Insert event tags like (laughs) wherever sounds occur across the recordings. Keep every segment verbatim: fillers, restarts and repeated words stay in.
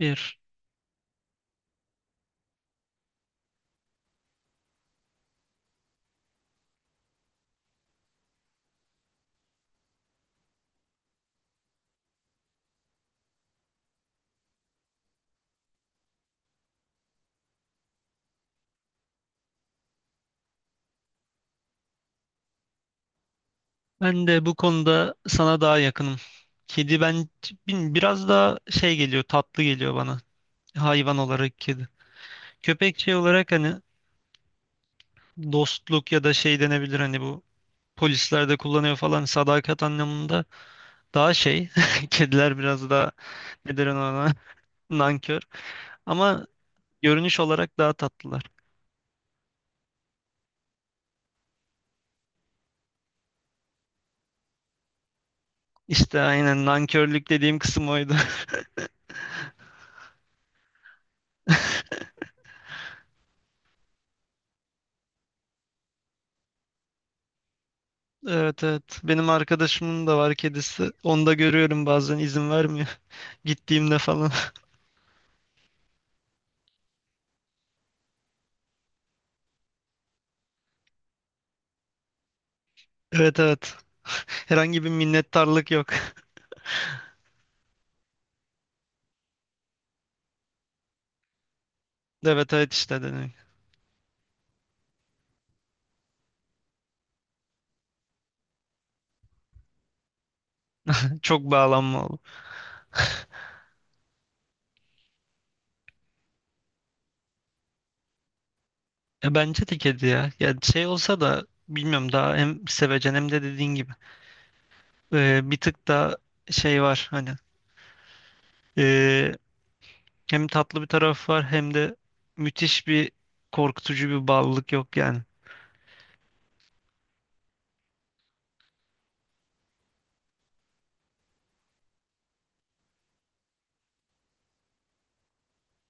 Bir. Ben de bu konuda sana daha yakınım. Kedi ben bilmiyorum, biraz daha şey geliyor, tatlı geliyor bana. Hayvan olarak kedi. Köpek şey olarak hani dostluk ya da şey denebilir hani bu polisler de kullanıyor falan sadakat anlamında daha şey. (laughs) Kediler biraz daha ne derim ona (laughs) nankör. Ama görünüş olarak daha tatlılar. İşte aynen nankörlük dediğim kısım oydu. (laughs) Evet evet. Benim arkadaşımın da var kedisi. Onu da görüyorum bazen izin vermiyor. Gittiğimde falan. (laughs) Evet evet. Herhangi bir minnettarlık yok. (laughs) Evet evet işte dedim. Çok bağlanma oldu. E, bence de kedi ya. Ya şey olsa da bilmiyorum daha hem sevecen hem de dediğin gibi. E, bir tık da şey var hani. E, Hem tatlı bir taraf var hem de müthiş bir korkutucu bir bağlılık yok yani.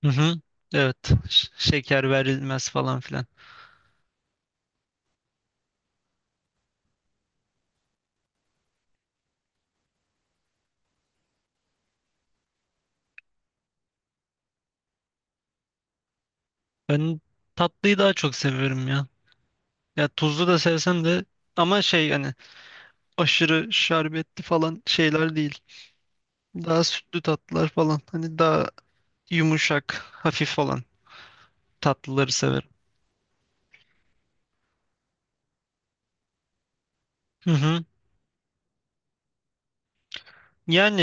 Hı hı. Evet. Ş- şeker verilmez falan filan. Ben tatlıyı daha çok seviyorum ya. Ya tuzlu da sevsem de ama şey hani aşırı şerbetli falan şeyler değil. Daha sütlü tatlılar falan. Hani daha yumuşak, hafif falan tatlıları severim. Hı hı. Yani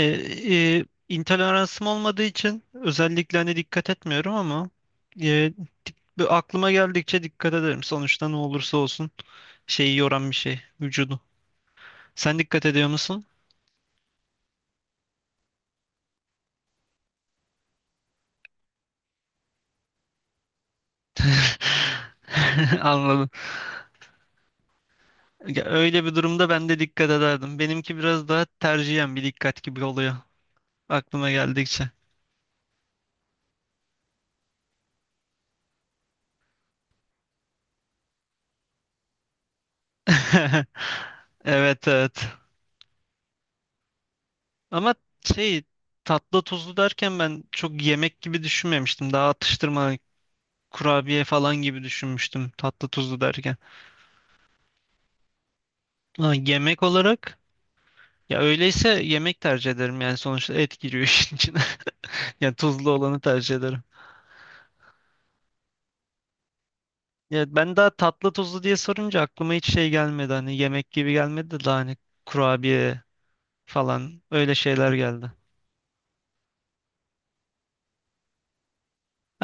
e, intoleransım olmadığı için özellikle hani dikkat etmiyorum ama e, bu aklıma geldikçe dikkat ederim. Sonuçta ne olursa olsun şeyi yoran bir şey vücudu. Sen dikkat ediyor musun? (laughs) Anladım. Ya öyle bir durumda ben de dikkat ederdim. Benimki biraz daha tercihen bir dikkat gibi oluyor aklıma geldikçe. (laughs) Evet evet. Ama şey tatlı tuzlu derken ben çok yemek gibi düşünmemiştim. Daha atıştırma kurabiye falan gibi düşünmüştüm tatlı tuzlu derken. Ha, yemek olarak ya öyleyse yemek tercih ederim yani sonuçta et giriyor (laughs) işin içine. Yani tuzlu olanı tercih ederim. Ya ben daha tatlı tuzlu diye sorunca aklıma hiç şey gelmedi hani yemek gibi gelmedi de daha hani kurabiye falan öyle şeyler geldi.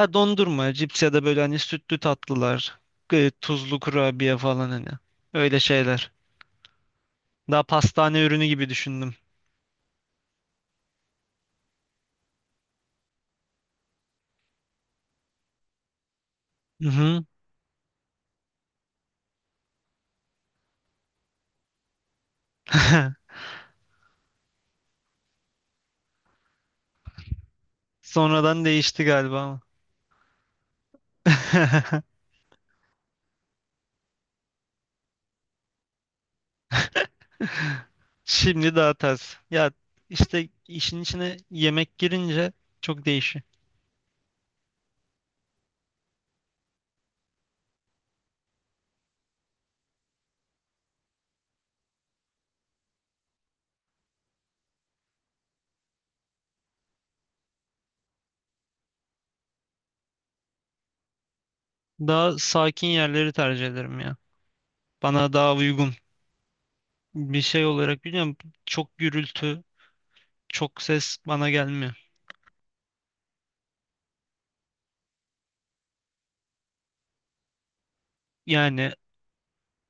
Ha dondurma, cips ya da böyle hani sütlü tatlılar, e, tuzlu kurabiye falan hani. Öyle şeyler. Daha pastane ürünü gibi düşündüm. Hı hı. (laughs) Sonradan değişti galiba ama. (laughs) Şimdi daha ters. Ya işte işin içine yemek girince çok değişiyor. Daha sakin yerleri tercih ederim ya. Bana daha uygun bir şey olarak biliyorum. Çok gürültü, çok ses bana gelmiyor. Yani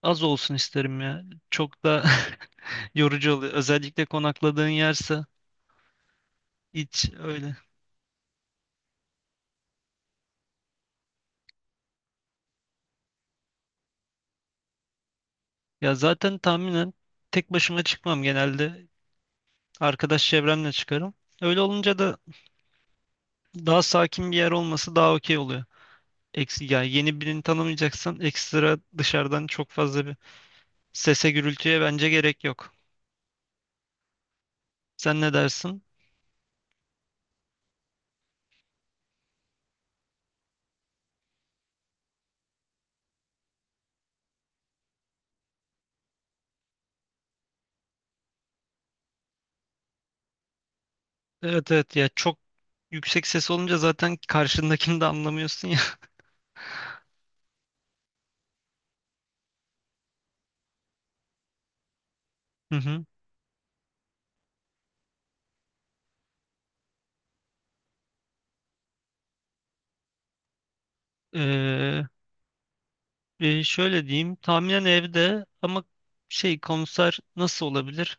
az olsun isterim ya. Çok da (laughs) yorucu oluyor. Özellikle konakladığın yerse hiç öyle. Ya zaten tahminen tek başıma çıkmam genelde. Arkadaş çevremle çıkarım. Öyle olunca da daha sakin bir yer olması daha okey oluyor. Eksi, ya yeni birini tanımayacaksan ekstra dışarıdan çok fazla bir sese gürültüye bence gerek yok. Sen ne dersin? Evet evet ya çok yüksek ses olunca zaten karşındakini de anlamıyorsun ya. (laughs) Hı hı. Ee, Ee, şöyle diyeyim, tahminen evde ama şey konser nasıl olabilir?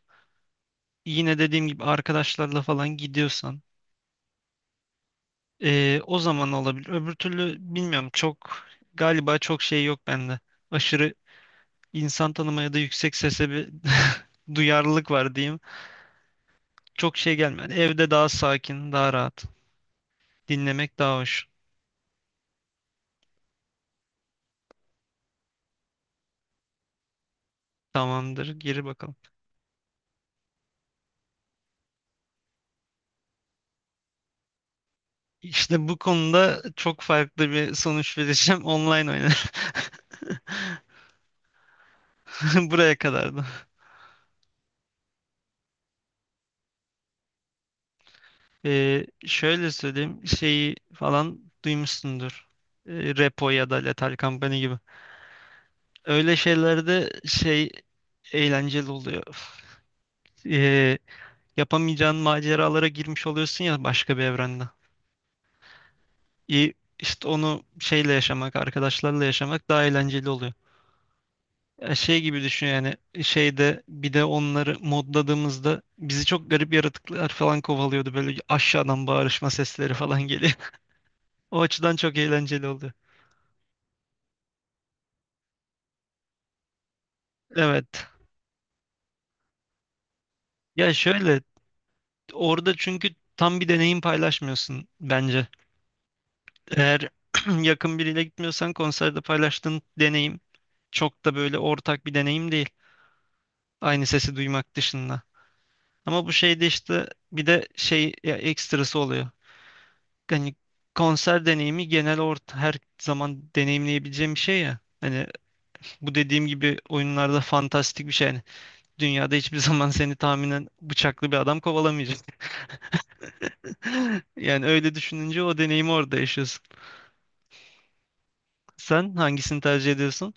Yine dediğim gibi arkadaşlarla falan gidiyorsan ee, o zaman olabilir. Öbür türlü bilmiyorum çok galiba çok şey yok bende. Aşırı insan tanımaya da yüksek sese bir (laughs) duyarlılık var diyeyim. Çok şey gelmedi. Evde daha sakin, daha rahat. Dinlemek daha hoş. Tamamdır, geri bakalım. İşte bu konuda çok farklı bir sonuç vereceğim. Online oynar. (laughs) Buraya kadardı. Ee, şöyle söyleyeyim şeyi falan duymuşsundur. Ee, Repo ya da Lethal Company gibi. Öyle şeylerde şey eğlenceli oluyor. Ee, Yapamayacağın maceralara girmiş oluyorsun ya başka bir evrende. İyi, işte onu şeyle yaşamak, arkadaşlarla yaşamak daha eğlenceli oluyor. Ya şey gibi düşün yani şeyde bir de onları modladığımızda bizi çok garip yaratıklar falan kovalıyordu. Böyle aşağıdan bağırışma sesleri falan geliyor. (laughs) O açıdan çok eğlenceli oluyor. Evet. Ya şöyle orada çünkü tam bir deneyim paylaşmıyorsun bence. Eğer (clears throat) yakın biriyle gitmiyorsan konserde paylaştığın deneyim çok da böyle ortak bir deneyim değil. Aynı sesi duymak dışında. Ama bu şeyde işte bir de şey ya, ekstrası oluyor. Hani konser deneyimi genel orta her zaman deneyimleyebileceğim bir şey ya. Hani bu dediğim gibi oyunlarda fantastik bir şey. Yani dünyada hiçbir (laughs) zaman seni tahminen bıçaklı bir adam kovalamayacak. (laughs) Yani öyle düşününce o deneyimi orada yaşıyorsun. Sen hangisini tercih ediyorsun?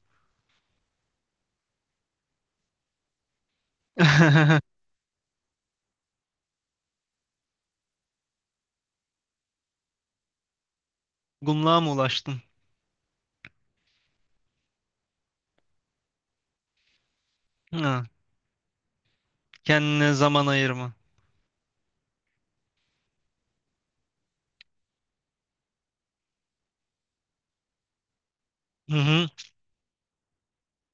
(laughs) Gumluğa mı ulaştın? Ha, kendine zaman ayırma. Hı hı,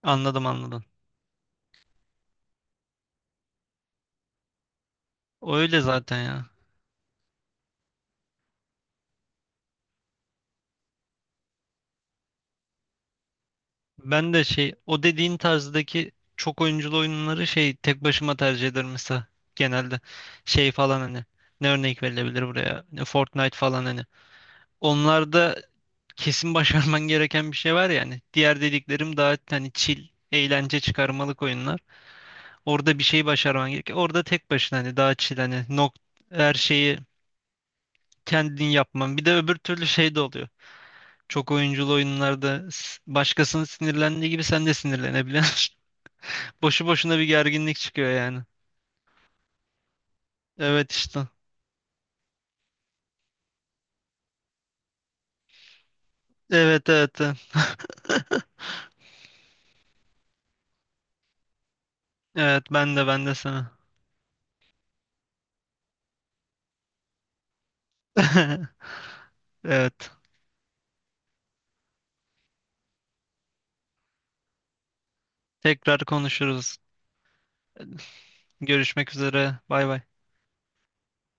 anladım anladım. Öyle zaten ya. Ben de şey o dediğin tarzdaki çok oyunculu oyunları şey tek başıma tercih ederim mesela genelde. Şey falan hani ne örnek verilebilir buraya? Ne Fortnite falan hani. Onlarda kesin (laughs) başarman gereken bir şey var yani. Diğer dediklerim daha hani chill, eğlence çıkarmalık oyunlar. Orada bir şey başarman gerekiyor. Orada tek başına hani daha chill hani nok her şeyi kendin yapman. Bir de öbür türlü şey de oluyor. Çok oyunculu oyunlarda s- başkasının sinirlendiği gibi sen de sinirlenebiliyorsun. (laughs) Boşu boşuna bir gerginlik çıkıyor yani. Evet işte. Evet evet. Evet. Evet, ben de ben de sana. (laughs) Evet. Tekrar konuşuruz. Görüşmek üzere. Bay bay.